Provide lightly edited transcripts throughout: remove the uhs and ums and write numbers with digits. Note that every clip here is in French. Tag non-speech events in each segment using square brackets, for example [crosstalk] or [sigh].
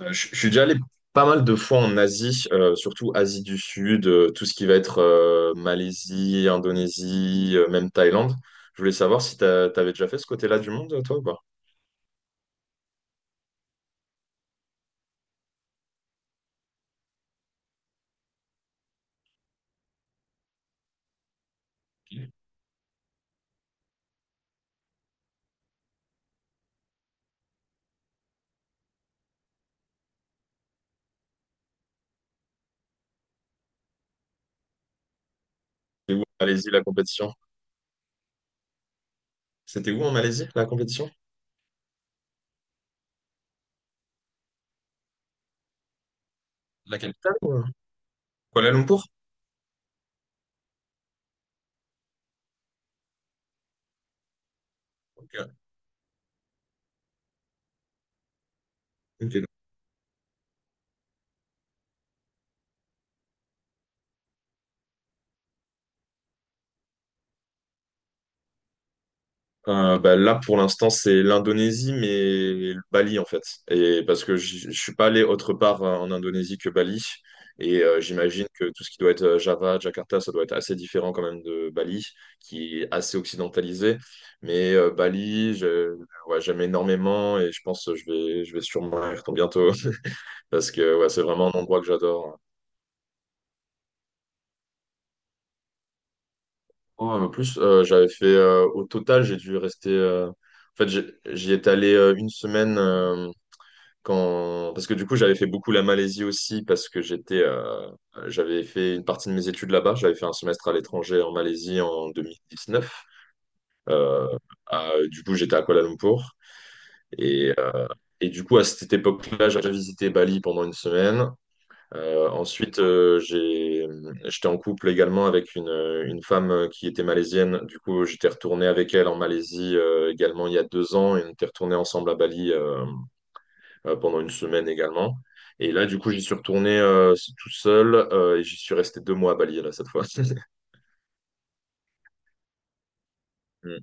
Je suis déjà allé pas mal de fois en Asie, surtout Asie du Sud, tout ce qui va être Malaisie, Indonésie, même Thaïlande. Je voulais savoir si t'avais déjà fait ce côté-là du monde, toi, ou pas? C'était où en Malaisie la compétition? C'était où en Malaisie la compétition? La capitale ou Kuala Lumpur? Ok. Ok. Bah, là, pour l'instant, c'est l'Indonésie, mais Bali, en fait. Et parce que je suis pas allé autre part en Indonésie que Bali. Et j'imagine que tout ce qui doit être Java, Jakarta, ça doit être assez différent quand même de Bali, qui est assez occidentalisé. Mais Bali, ouais, j'aime énormément et je pense que je vais sûrement y retourner bientôt. [laughs] Parce que ouais, c'est vraiment un endroit que j'adore. Oh, en plus, j'avais fait, au total, j'ai dû rester. En fait, j'y étais allé une semaine. Parce que du coup, j'avais fait beaucoup la Malaisie aussi, parce que j'avais fait une partie de mes études là-bas. J'avais fait un semestre à l'étranger en Malaisie en 2019. Euh, du coup, j'étais à Kuala Lumpur. Et, euh, et du coup, à cette époque-là, j'avais visité Bali pendant une semaine. Ensuite, j'étais en couple également avec une femme qui était malaisienne. Du coup, j'étais retourné avec elle en Malaisie également il y a 2 ans et on était retourné ensemble à Bali, pendant une semaine également. Et là, du coup, j'y suis retourné tout seul et j'y suis resté 2 mois à Bali, là, cette fois. [laughs] Mm.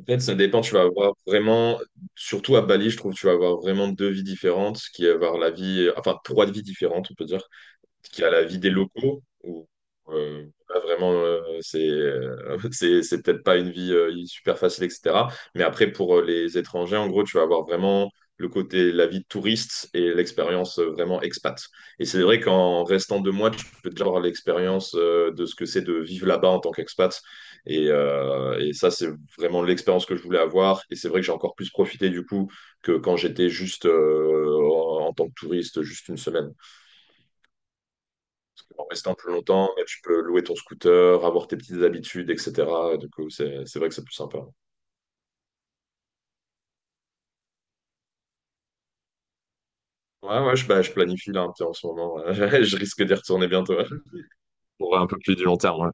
En fait, ça dépend, tu vas avoir vraiment, surtout à Bali, je trouve, tu vas avoir vraiment deux vies différentes, qui est avoir la vie, enfin, trois vies différentes, on peut dire. Qui a la vie des locaux, où pas vraiment, c'est [laughs] c'est peut-être pas une vie super facile, etc. Mais après, pour les étrangers, en gros, tu vas avoir vraiment le côté, la vie de touriste et l'expérience vraiment expat. Et c'est vrai qu'en restant 2 mois, tu peux déjà avoir l'expérience de ce que c'est de vivre là-bas en tant qu'expat. Et ça, c'est vraiment l'expérience que je voulais avoir. Et c'est vrai que j'ai encore plus profité du coup que quand j'étais juste en tant que touriste, juste une semaine en restant plus longtemps, mais tu peux louer ton scooter, avoir tes petites habitudes, etc. Du coup, c'est vrai que c'est plus sympa. Ouais, ouais, bah, je planifie là un petit en ce moment. Ouais. [laughs] Je risque d'y retourner bientôt. Ouais. Pour un peu plus du long terme, ouais.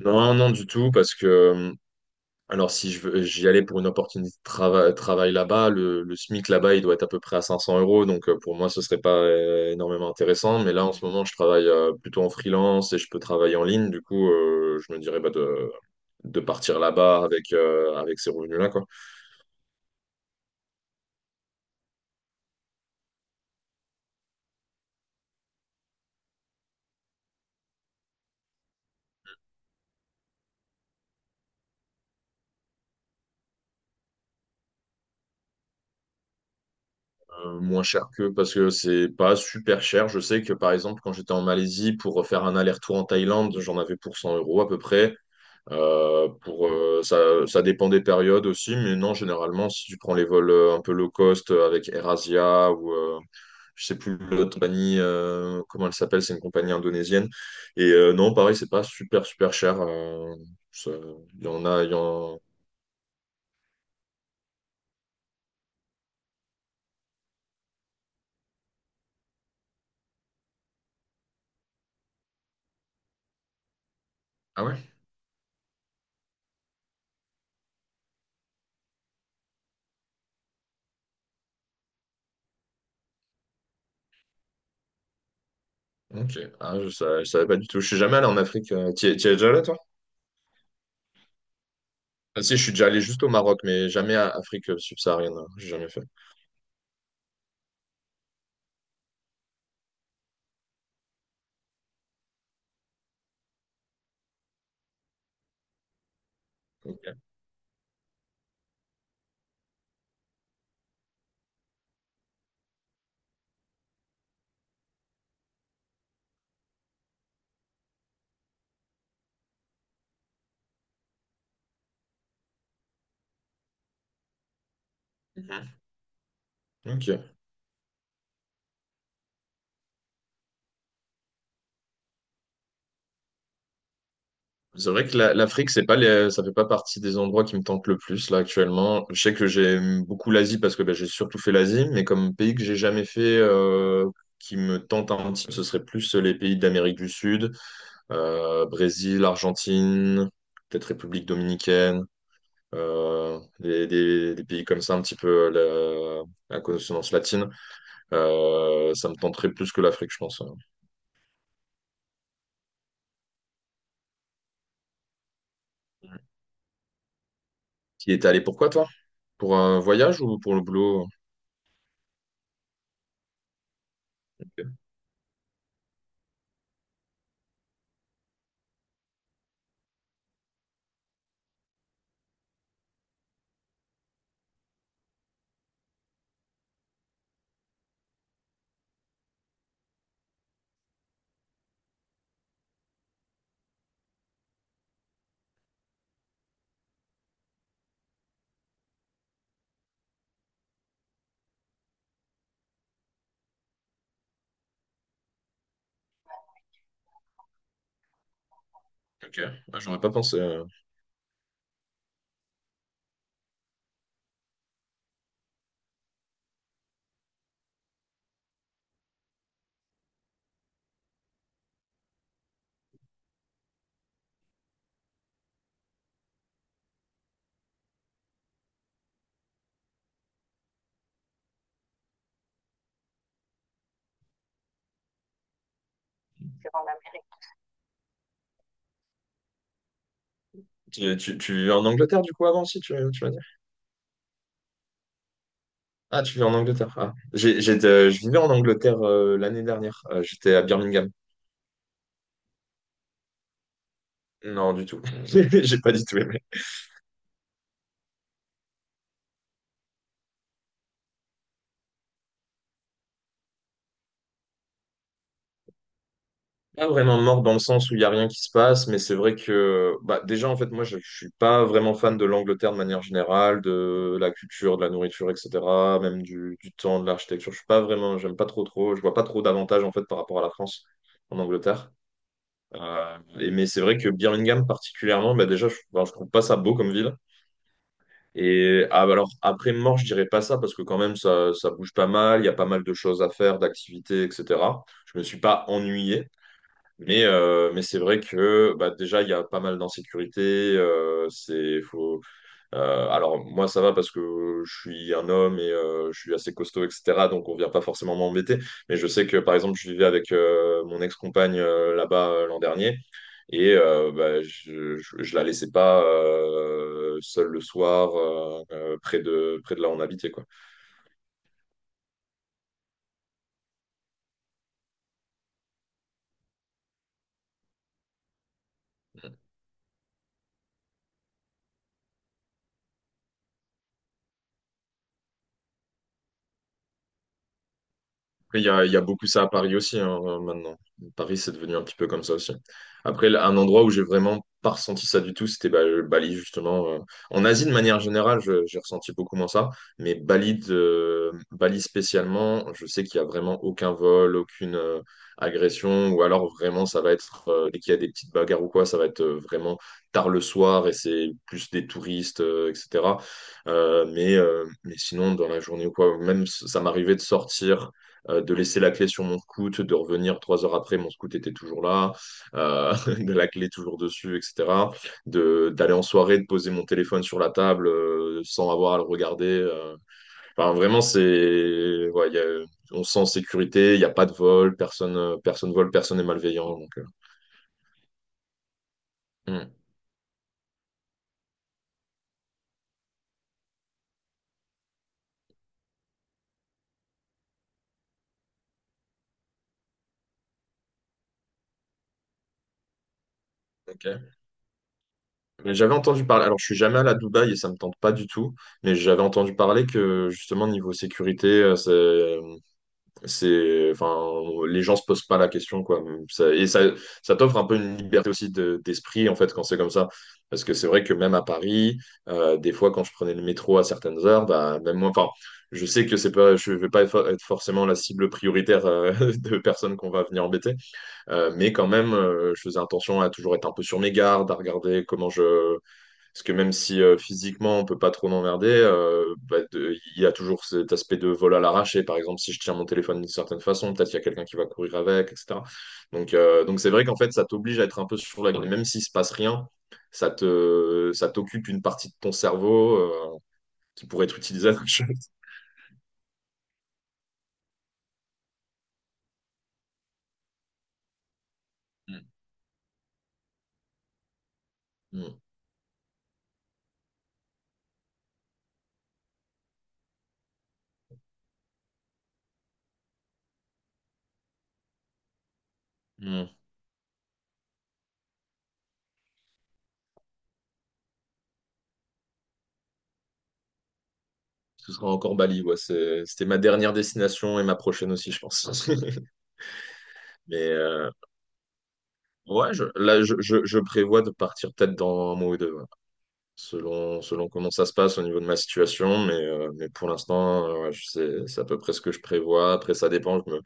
Non, non, du tout, parce que, alors si je veux- j'y allais pour une opportunité de travail là-bas, le SMIC là-bas, il doit être à peu près à 500 euros, donc pour moi, ce serait pas énormément intéressant. Mais là, en ce moment, je travaille plutôt en freelance et je peux travailler en ligne, du coup, je me dirais bah, de partir là-bas avec ces revenus-là, quoi. Moins cher que parce que c'est pas super cher. Je sais que par exemple, quand j'étais en Malaisie pour faire un aller-retour en Thaïlande, j'en avais pour 100 € à peu près. Euh, pour, euh, ça, ça dépend des périodes aussi, mais non, généralement, si tu prends les vols un peu low cost avec Erasia ou je sais plus l'autre compagnie, comment elle s'appelle, c'est une compagnie indonésienne. Et non, pareil, c'est pas super, super cher. Ça- Il y en a. Ah ouais? Ok. Ah, je savais pas du tout. Je suis jamais allé en Afrique. T'y es déjà allé, toi? Ah, si, je suis déjà allé juste au Maroc, mais jamais à Afrique subsaharienne. Hein. J'ai jamais fait. Ok. Mhm. Ok. C'est vrai que l'Afrique, c'est pas les... ça fait pas partie des endroits qui me tentent le plus là actuellement. Je sais que j'aime beaucoup l'Asie parce que bah, j'ai surtout fait l'Asie, mais comme pays que j'ai jamais fait qui me tente un petit peu, ce serait plus les pays d'Amérique du Sud, Brésil, Argentine, peut-être République dominicaine, des pays comme ça un petit peu à consonance latine. Ça me tenterait plus que l'Afrique, je pense. Hein. Tu y étais allé pourquoi, toi? Pour un voyage ou pour le boulot? Ok. Ok. Ah, j'aurais pas pensé. Tu vivais en Angleterre, du coup, avant, si tu vas dire. Ah, tu vivais en Angleterre. Ah. Je vivais en Angleterre l'année dernière. J'étais à Birmingham. Non, du tout. [laughs] J'ai pas du tout. Pas vraiment mort dans le sens où il n'y a rien qui se passe, mais c'est vrai que bah, déjà, en fait, moi, je ne suis pas vraiment fan de l'Angleterre de manière générale, de la culture, de la nourriture, etc., même du temps, de l'architecture. Je suis pas vraiment, J'aime pas trop trop, je vois pas trop d'avantages, en fait, par rapport à la France en Angleterre. Mais c'est vrai que Birmingham, particulièrement, bah, déjà, enfin, je trouve pas ça beau comme ville. Et ah, bah, alors, après mort, je dirais pas ça, parce que quand même, ça bouge pas mal, il y a pas mal de choses à faire, d'activités, etc. Je me suis pas ennuyé. Mais c'est vrai que bah, déjà, il y a pas mal d'insécurité. euh, c'est, faut, alors, moi, ça va parce que je suis un homme et je suis assez costaud, etc. Donc, on vient pas forcément m'embêter. Mais je sais que, par exemple, je vivais avec mon ex-compagne là-bas l'an dernier. Et bah, je la laissais pas seule le soir, près de là où on habitait, quoi. Après, il y a beaucoup ça à Paris aussi, hein, maintenant. Paris, c'est devenu un petit peu comme ça aussi. Après, là, un endroit où j'ai vraiment pas ressenti ça du tout, c'était bah, Bali, justement. En Asie, de manière générale, j'ai ressenti beaucoup moins ça. Bali spécialement, je sais qu'il y a vraiment aucun vol, aucune agression. Ou alors, vraiment, dès qu'il y a des petites bagarres ou quoi, ça va être vraiment tard le soir et c'est plus des touristes, etc. Mais sinon, dans la journée ou quoi, même ça m'arrivait de sortir de laisser la clé sur mon scout, de revenir 3 heures après, mon scout était toujours là, euh, [laughs] de la clé toujours dessus, etc. D'aller en soirée, de poser mon téléphone sur la table sans avoir à le regarder. Enfin, vraiment, ouais, on se sent en sécurité, il n'y a pas de vol, personne vole, personne n'est malveillant. Hmm, ok. Mais j'avais entendu parler, alors je suis jamais allé à Dubaï et ça me tente pas du tout, mais j'avais entendu parler que justement niveau sécurité, C'est, enfin, les gens se posent pas la question, quoi. Ça- et ça, Ça t'offre un peu une liberté aussi d'esprit, en fait, quand c'est comme ça. Parce que c'est vrai que même à Paris, des fois, quand je prenais le métro à certaines heures, bah, même moi, enfin, je sais que c'est pas, je vais pas être forcément la cible prioritaire, [laughs] de personnes qu'on va venir embêter. Mais quand même, je faisais attention à toujours être un peu sur mes gardes, à regarder parce que même si physiquement on peut pas trop m'emmerder, bah, il y a toujours cet aspect de vol à l'arraché. Par exemple, si je tiens mon téléphone d'une certaine façon, peut-être qu'il y a quelqu'un qui va courir avec, etc. Donc c'est vrai qu'en fait, ça t'oblige à être un peu sur la garde. Et même s'il se passe rien, ça t'occupe une partie de ton cerveau qui pourrait être utilisée à autre chose. Mm. Mm. Mm. Ce sera encore Bali, ouais. C'était ma dernière destination et ma prochaine aussi, je pense. [laughs] Mais ouais, là, je prévois de partir peut-être dans un mois ou deux. Ouais. Selon comment ça se passe au niveau de ma situation. Mais pour l'instant, ouais, c'est à peu près ce que je prévois. Après, ça dépend.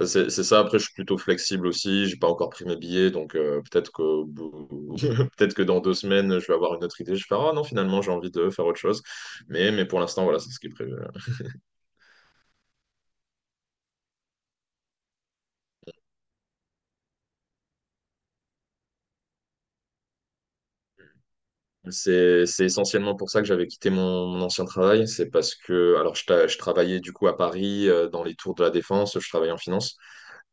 Enfin, c'est ça. Après, je suis plutôt flexible aussi. J'ai pas encore pris mes billets. Donc, peut-être que, [laughs] peut-être que dans deux semaines, je vais avoir une autre idée. Je vais faire, ah non, finalement, j'ai envie de faire autre chose. Mais pour l'instant, voilà, c'est ce qui est prévu. C'est essentiellement pour ça que j'avais quitté mon ancien travail. C'est parce que, alors, je travaillais du coup à Paris, dans les tours de la Défense. Je travaillais en finance.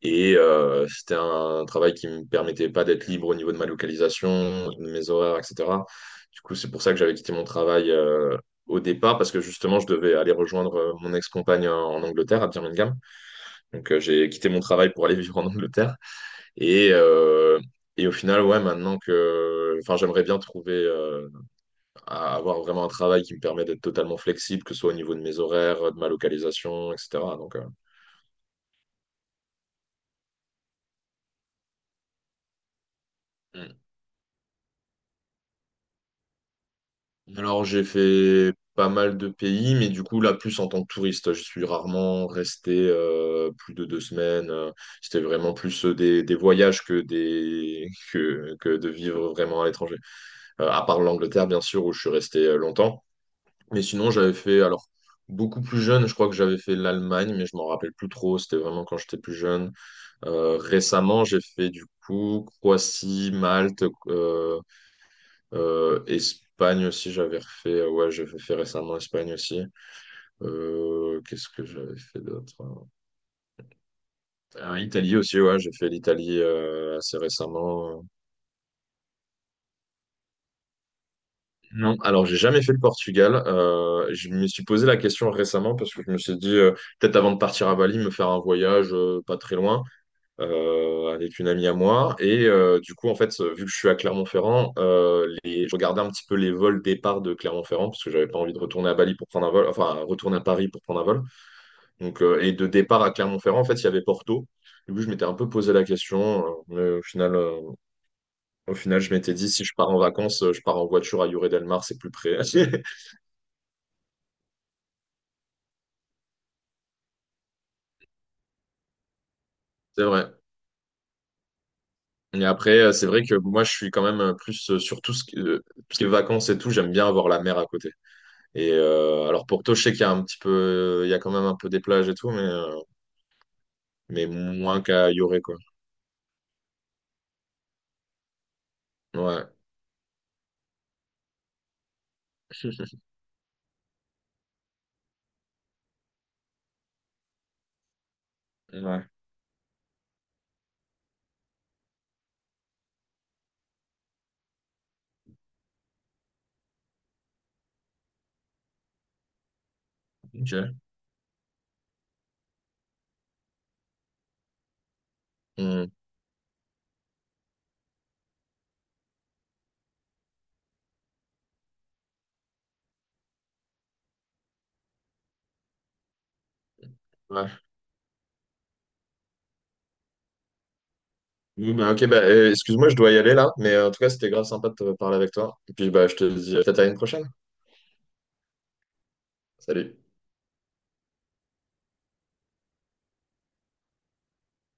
Et c'était un travail qui me permettait pas d'être libre au niveau de ma localisation, de mes horaires, etc. Du coup, c'est pour ça que j'avais quitté mon travail au départ, parce que justement, je devais aller rejoindre mon ex-compagne en Angleterre, à Birmingham. Donc, j'ai quitté mon travail pour aller [laughs] vivre en Angleterre. Et, euh, et au final, ouais, maintenant que... Enfin, j'aimerais bien trouver, avoir vraiment un travail qui me permet d'être totalement flexible, que ce soit au niveau de mes horaires, de ma localisation, etc. Donc, euh, alors, j'ai fait pas mal de pays, mais du coup, là, plus en tant que touriste. Je suis rarement resté plus de deux semaines. C'était vraiment plus des voyages que, des, [laughs] que de vivre vraiment à l'étranger. À part l'Angleterre, bien sûr, où je suis resté longtemps. Mais sinon, j'avais fait, alors, beaucoup plus jeune, je crois que j'avais fait l'Allemagne, mais je m'en rappelle plus trop. C'était vraiment quand j'étais plus jeune. Récemment, j'ai fait, du coup, Croatie, Malte, Espagne aussi, j'avais refait. Ouais, j'avais fait récemment Espagne aussi. Qu'est-ce que j'avais fait d'autre? Ah, Italie aussi, ouais, j'ai fait l'Italie assez récemment. Non, alors j'ai jamais fait le Portugal. Je me suis posé la question récemment parce que je me suis dit, peut-être avant de partir à Bali, me faire un voyage pas très loin. Avec une amie à moi. Et du coup, en fait, vu que je suis à Clermont-Ferrand, je regardais un petit peu les vols départ de Clermont-Ferrand, parce que j'avais pas envie de retourner à Bali pour prendre un vol, enfin, retourner à Paris pour prendre un vol. Donc, et de départ à Clermont-Ferrand, en fait, il y avait Porto. Du coup, je m'étais un peu posé la question, mais au final, je m'étais dit, si je pars en vacances, je pars en voiture à Lloret Delmar, c'est plus près. [laughs] C'est vrai. Et après, c'est vrai que moi, je suis quand même plus sur tout ce qui est vacances et tout, j'aime bien avoir la mer à côté. Et alors Porto, je sais qu'il y a un petit peu, il y a quand même un peu des plages et tout, mais moins qu'à Yoré, quoi. Ouais. [laughs] Ouais. Ok. Hmm. Ouais. Oui, bah, ok, bah, excuse-moi, je dois y aller là, mais en tout cas, c'était grave sympa de te parler avec toi. Et puis, bah, je te dis peut-être à une prochaine. Salut.